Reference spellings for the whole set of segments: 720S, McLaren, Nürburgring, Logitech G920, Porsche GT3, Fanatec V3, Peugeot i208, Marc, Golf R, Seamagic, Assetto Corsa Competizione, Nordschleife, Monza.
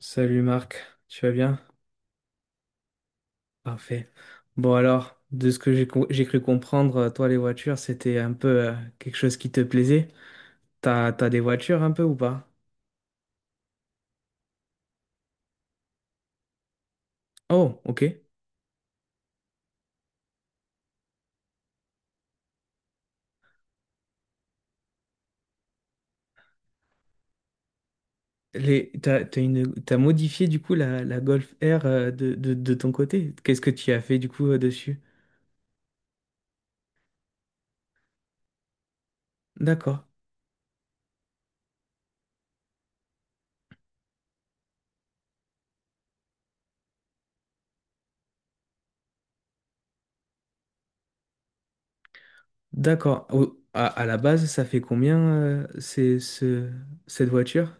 Salut Marc, tu vas bien? Parfait. Bon alors, de ce que j'ai cru comprendre, toi les voitures, c'était un peu quelque chose qui te plaisait. T'as des voitures un peu ou pas? Oh, ok. Les, t'as, t'as une, t'as modifié du coup la Golf R de, de ton côté. Qu'est-ce que tu as fait du coup dessus? D'accord, d'accord. À la base, ça fait combien cette voiture?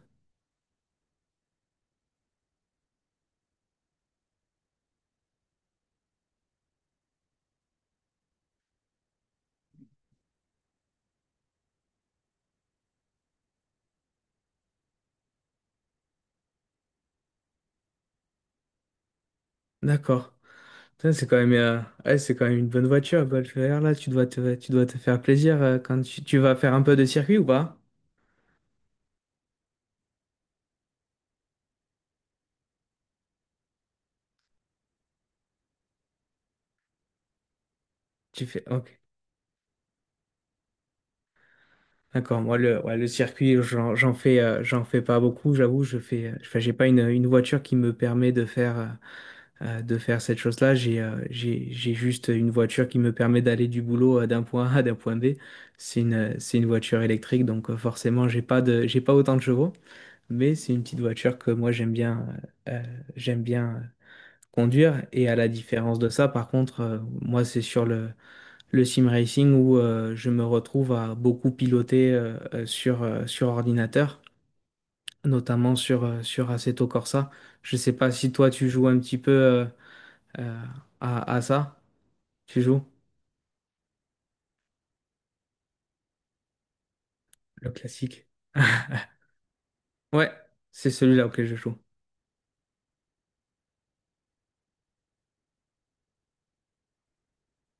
D'accord. Ça, c'est quand même, ouais, c'est quand même une bonne voiture, Golf R, là. Tu dois te faire plaisir quand tu vas faire un peu de circuit ou pas? Tu fais, ok. D'accord, moi, le circuit, j'en fais pas beaucoup, j'avoue. Je fais, enfin, j'ai pas une voiture qui me permet de faire cette chose-là. J'ai juste une voiture qui me permet d'aller du boulot d'un point A à d'un point B. C'est une voiture électrique, donc forcément, j'ai pas autant de chevaux. Mais c'est une petite voiture que moi, euh, euh, j'aime bien conduire. Et à la différence de ça, par contre, moi, c'est le sim racing où je me retrouve à beaucoup piloter sur ordinateur, notamment sur Assetto Corsa. Je sais pas si toi, tu joues un petit peu euh, à ça. Tu joues? Le classique. Ouais, c'est celui-là auquel je joue.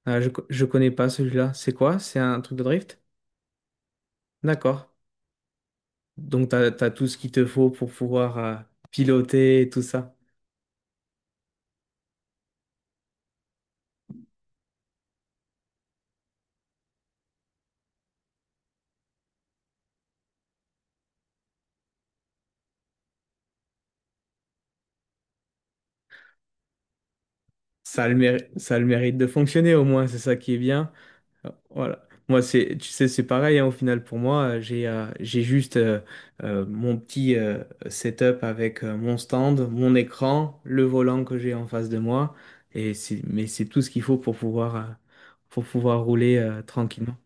Ah, je connais pas celui-là. C'est quoi? C'est un truc de drift? D'accord. Donc, t'as tout ce qu'il te faut pour pouvoir piloter et tout ça. Ça a le mérite de fonctionner au moins, c'est ça qui est bien. Voilà. Moi, c'est, tu sais, c'est pareil, hein, au final, pour moi, j'ai juste mon petit setup avec mon stand, mon écran, le volant que j'ai en face de moi, et mais c'est tout ce qu'il faut pour pouvoir rouler tranquillement.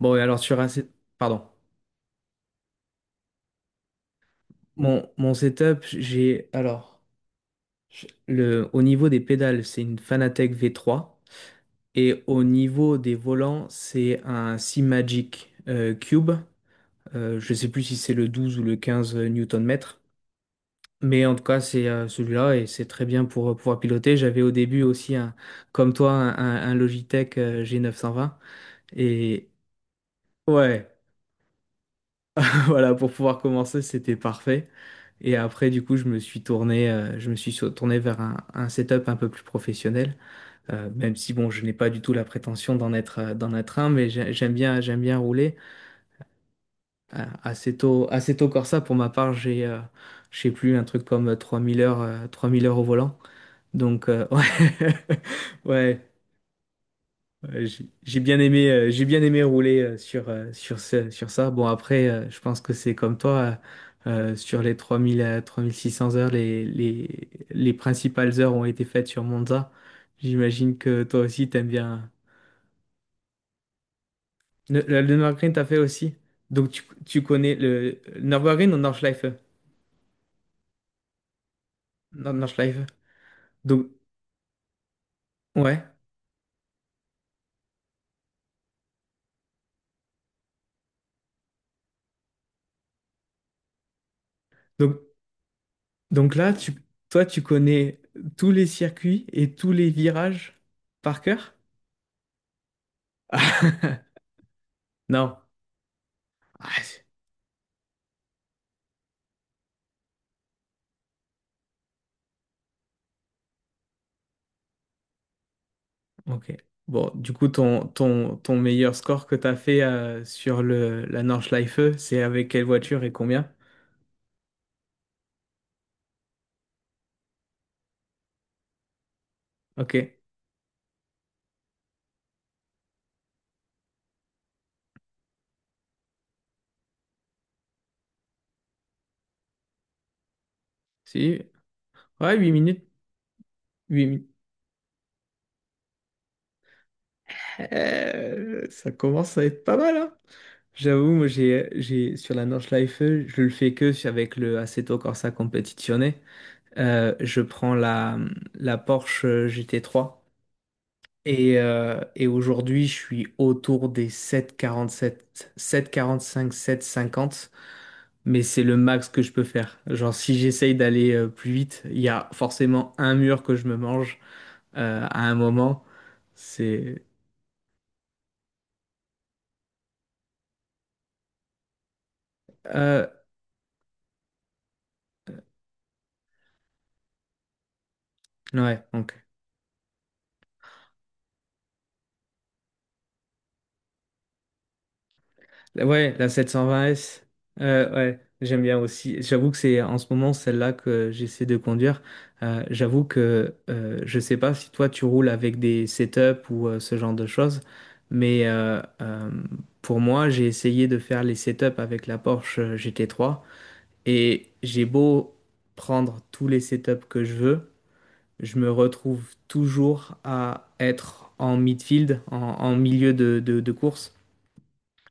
Bon, et alors, pardon, mon setup, alors, au niveau des pédales, c'est une Fanatec V3. Et au niveau des volants, c'est un Seamagic Cube. Je ne sais plus si c'est le 12 ou le 15 Newton-mètre. Mais en tout cas, c'est celui-là et c'est très bien pour pouvoir piloter. J'avais au début aussi, un, comme toi, un Logitech G920. Et ouais, voilà, pour pouvoir commencer, c'était parfait. Et après, du coup, je me suis tourné, je me suis sur- tourné vers un setup un peu plus professionnel. Même si, bon, je n'ai pas du tout la prétention d'en être un, mais j'aime bien rouler. Assez tôt Corsa, pour ma part, je sais plus, un truc comme 3 000 heures, 3 000 heures au volant. Donc, ouais, ouais, j'ai bien aimé rouler sur ça. Bon, après, je pense que c'est comme toi, sur les 3 000 à 3 600 heures, les principales heures ont été faites sur Monza. J'imagine que toi aussi, t'aimes bien. Le Nürburgring, t'as fait aussi. Donc, tu connais le Nürburgring ou Nordschleife? Nordschleife. Donc, ouais. Donc, là, toi, tu connais tous les circuits et tous les virages par cœur? Non. Ah, c'est- ok. Bon, du coup, ton meilleur score que tu as fait la Nordschleife, c'est avec quelle voiture et combien? Ok. Si. Ouais, 8 minutes. 8 minutes. Ça commence à être pas mal, hein? J'avoue, moi, sur la Nordschleife, je le fais que avec le Assetto Corsa Competizione. Je prends la Porsche GT3 et aujourd'hui je suis autour des 7,47, 7,45, sept quarante quarante 7,47, 7,45, cinquante mais c'est le max que je peux faire. Genre si j'essaye d'aller plus vite, il y a forcément un mur que je me mange à un moment. C'est... euh, ouais, donc Ouais, la 720S. Ouais, j'aime bien aussi. J'avoue que c'est en ce moment celle-là que j'essaie de conduire. J'avoue que je sais pas si toi tu roules avec des setups ou ce genre de choses, mais pour moi, j'ai essayé de faire les setups avec la Porsche GT3 et j'ai beau prendre tous les setups que je veux, je me retrouve toujours à être en midfield, en milieu de course,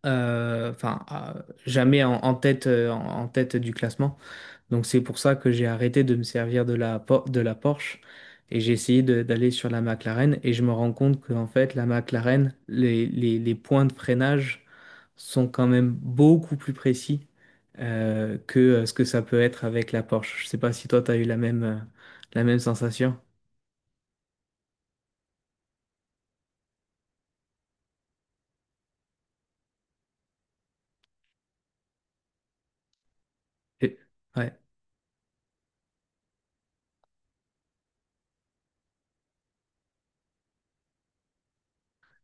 enfin jamais en tête, en tête du classement. Donc c'est pour ça que j'ai arrêté de me servir de la Porsche et j'ai essayé d'aller sur la McLaren et je me rends compte qu'en fait la McLaren les points de freinage sont quand même beaucoup plus précis que ce que ça peut être avec la Porsche. Je sais pas si toi tu as eu la même sensation. Et- ouais.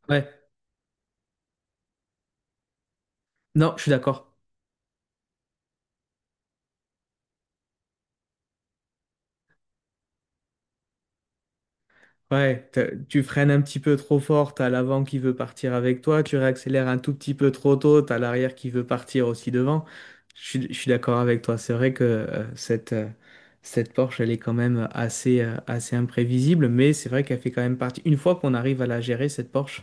Ouais. Non, je suis d'accord. Ouais, tu freines un petit peu trop fort, t'as l'avant qui veut partir avec toi, tu réaccélères un tout petit peu trop tôt, t'as l'arrière qui veut partir aussi devant. Je suis d'accord avec toi, c'est vrai que cette Porsche, elle est quand même assez, assez imprévisible, mais c'est vrai qu'elle fait quand même partie. Une fois qu'on arrive à la gérer, cette Porsche,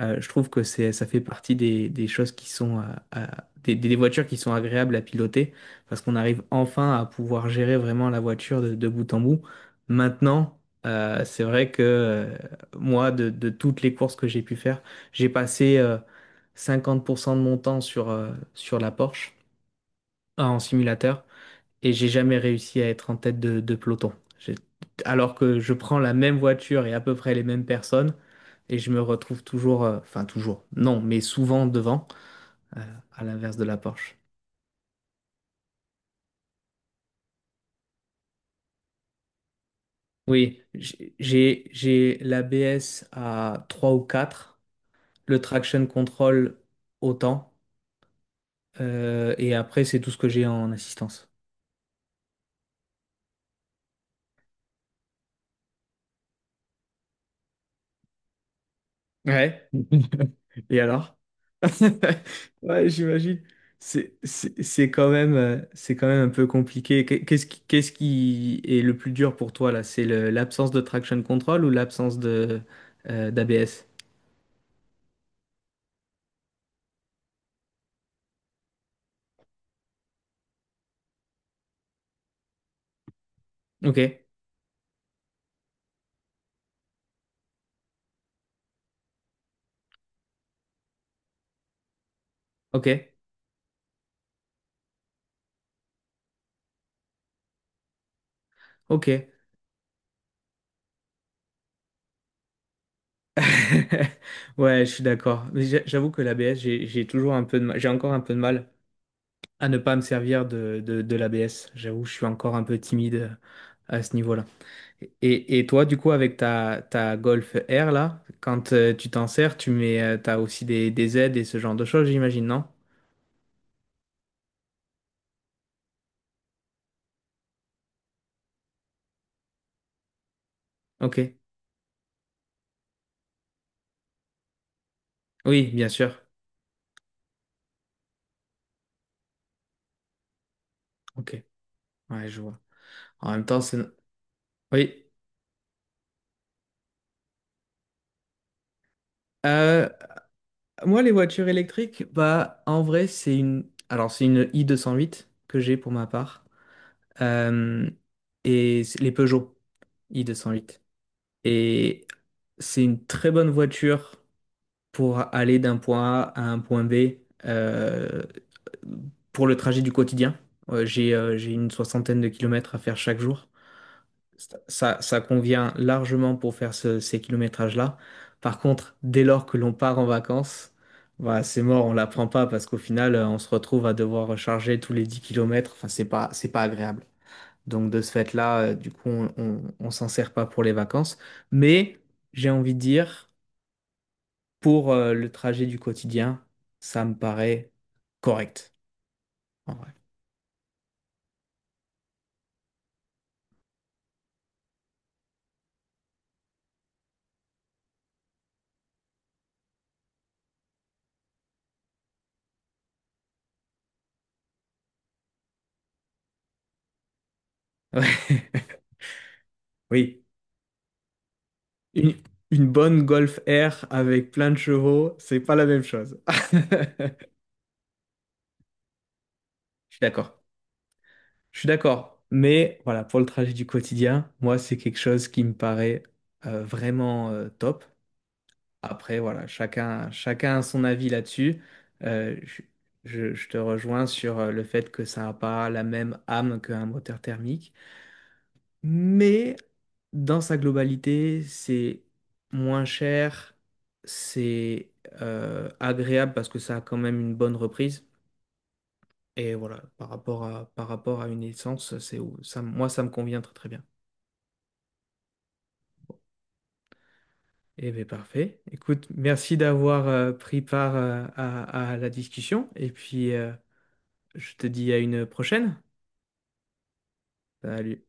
je trouve que ça fait partie des choses qui sont, des voitures qui sont agréables à piloter, parce qu'on arrive enfin à pouvoir gérer vraiment la voiture de bout en bout. Maintenant, c'est vrai que moi, de toutes les courses que j'ai pu faire, j'ai passé 50% de mon temps sur la Porsche en simulateur et j'ai jamais réussi à être en tête de peloton. J'ai- Alors que je prends la même voiture et à peu près les mêmes personnes et je me retrouve toujours, enfin toujours, non, mais souvent devant, euh, à l'inverse de la Porsche. Oui, j'ai l'ABS à 3 ou 4, le traction control autant. Et après, c'est tout ce que j'ai en assistance. Ouais. Et alors? Ouais, j'imagine. C'est quand même, c'est quand même un peu compliqué. Qu'est-ce qui est le plus dur pour toi là? L'absence de traction control ou l'absence de d'ABS? Ok, ok, ok. Ouais, je suis d'accord. Mais j'avoue que l'ABS, j'ai toujours un peu de mal, j'ai encore un peu de mal à ne pas me servir de l'ABS. J'avoue, je suis encore un peu timide à ce niveau-là. Et toi, du coup, avec ta Golf R, là, quand tu t'en sers, t'as aussi des aides et ce genre de choses, j'imagine, non? Ok. Oui, bien sûr. Ok. Ouais, je vois. En même temps, c'est... no. Oui. Euh, Moi, les voitures électriques, bah, en vrai, Alors, c'est une i208 que j'ai pour ma part. Euh, et c'est les Peugeot i208. Et c'est une très bonne voiture pour aller d'un point A à un point B, Euh, pour le trajet du quotidien. J'ai une soixantaine de kilomètres à faire chaque jour. Ça convient largement pour faire ces kilométrages-là. Par contre, dès lors que l'on part en vacances, bah, c'est mort, on ne l'apprend pas parce qu'au final, on se retrouve à devoir recharger tous les 10 kilomètres. Enfin, c'est pas agréable. Donc, de ce fait-là, du coup, on s'en sert pas pour les vacances. Mais j'ai envie de dire, pour le trajet du quotidien, ça me paraît correct, en vrai. Ouais. Oui. Une, une bonne Golf R avec plein de chevaux, c'est pas la même chose. Je suis d'accord. Je suis d'accord. Mais voilà, pour le trajet du quotidien, moi, c'est quelque chose qui me paraît vraiment top. Après, voilà, chacun a son avis là-dessus. Euh, je, je te rejoins sur le fait que ça n'a pas la même âme qu'un moteur thermique. Mais dans sa globalité, c'est moins cher, c'est agréable parce que ça a quand même une bonne reprise. Et voilà, par rapport à une essence, ça, moi, ça me convient très très bien. Eh bien, parfait. Écoute, merci d'avoir pris part à la discussion. Et puis, je te dis à une prochaine. Salut.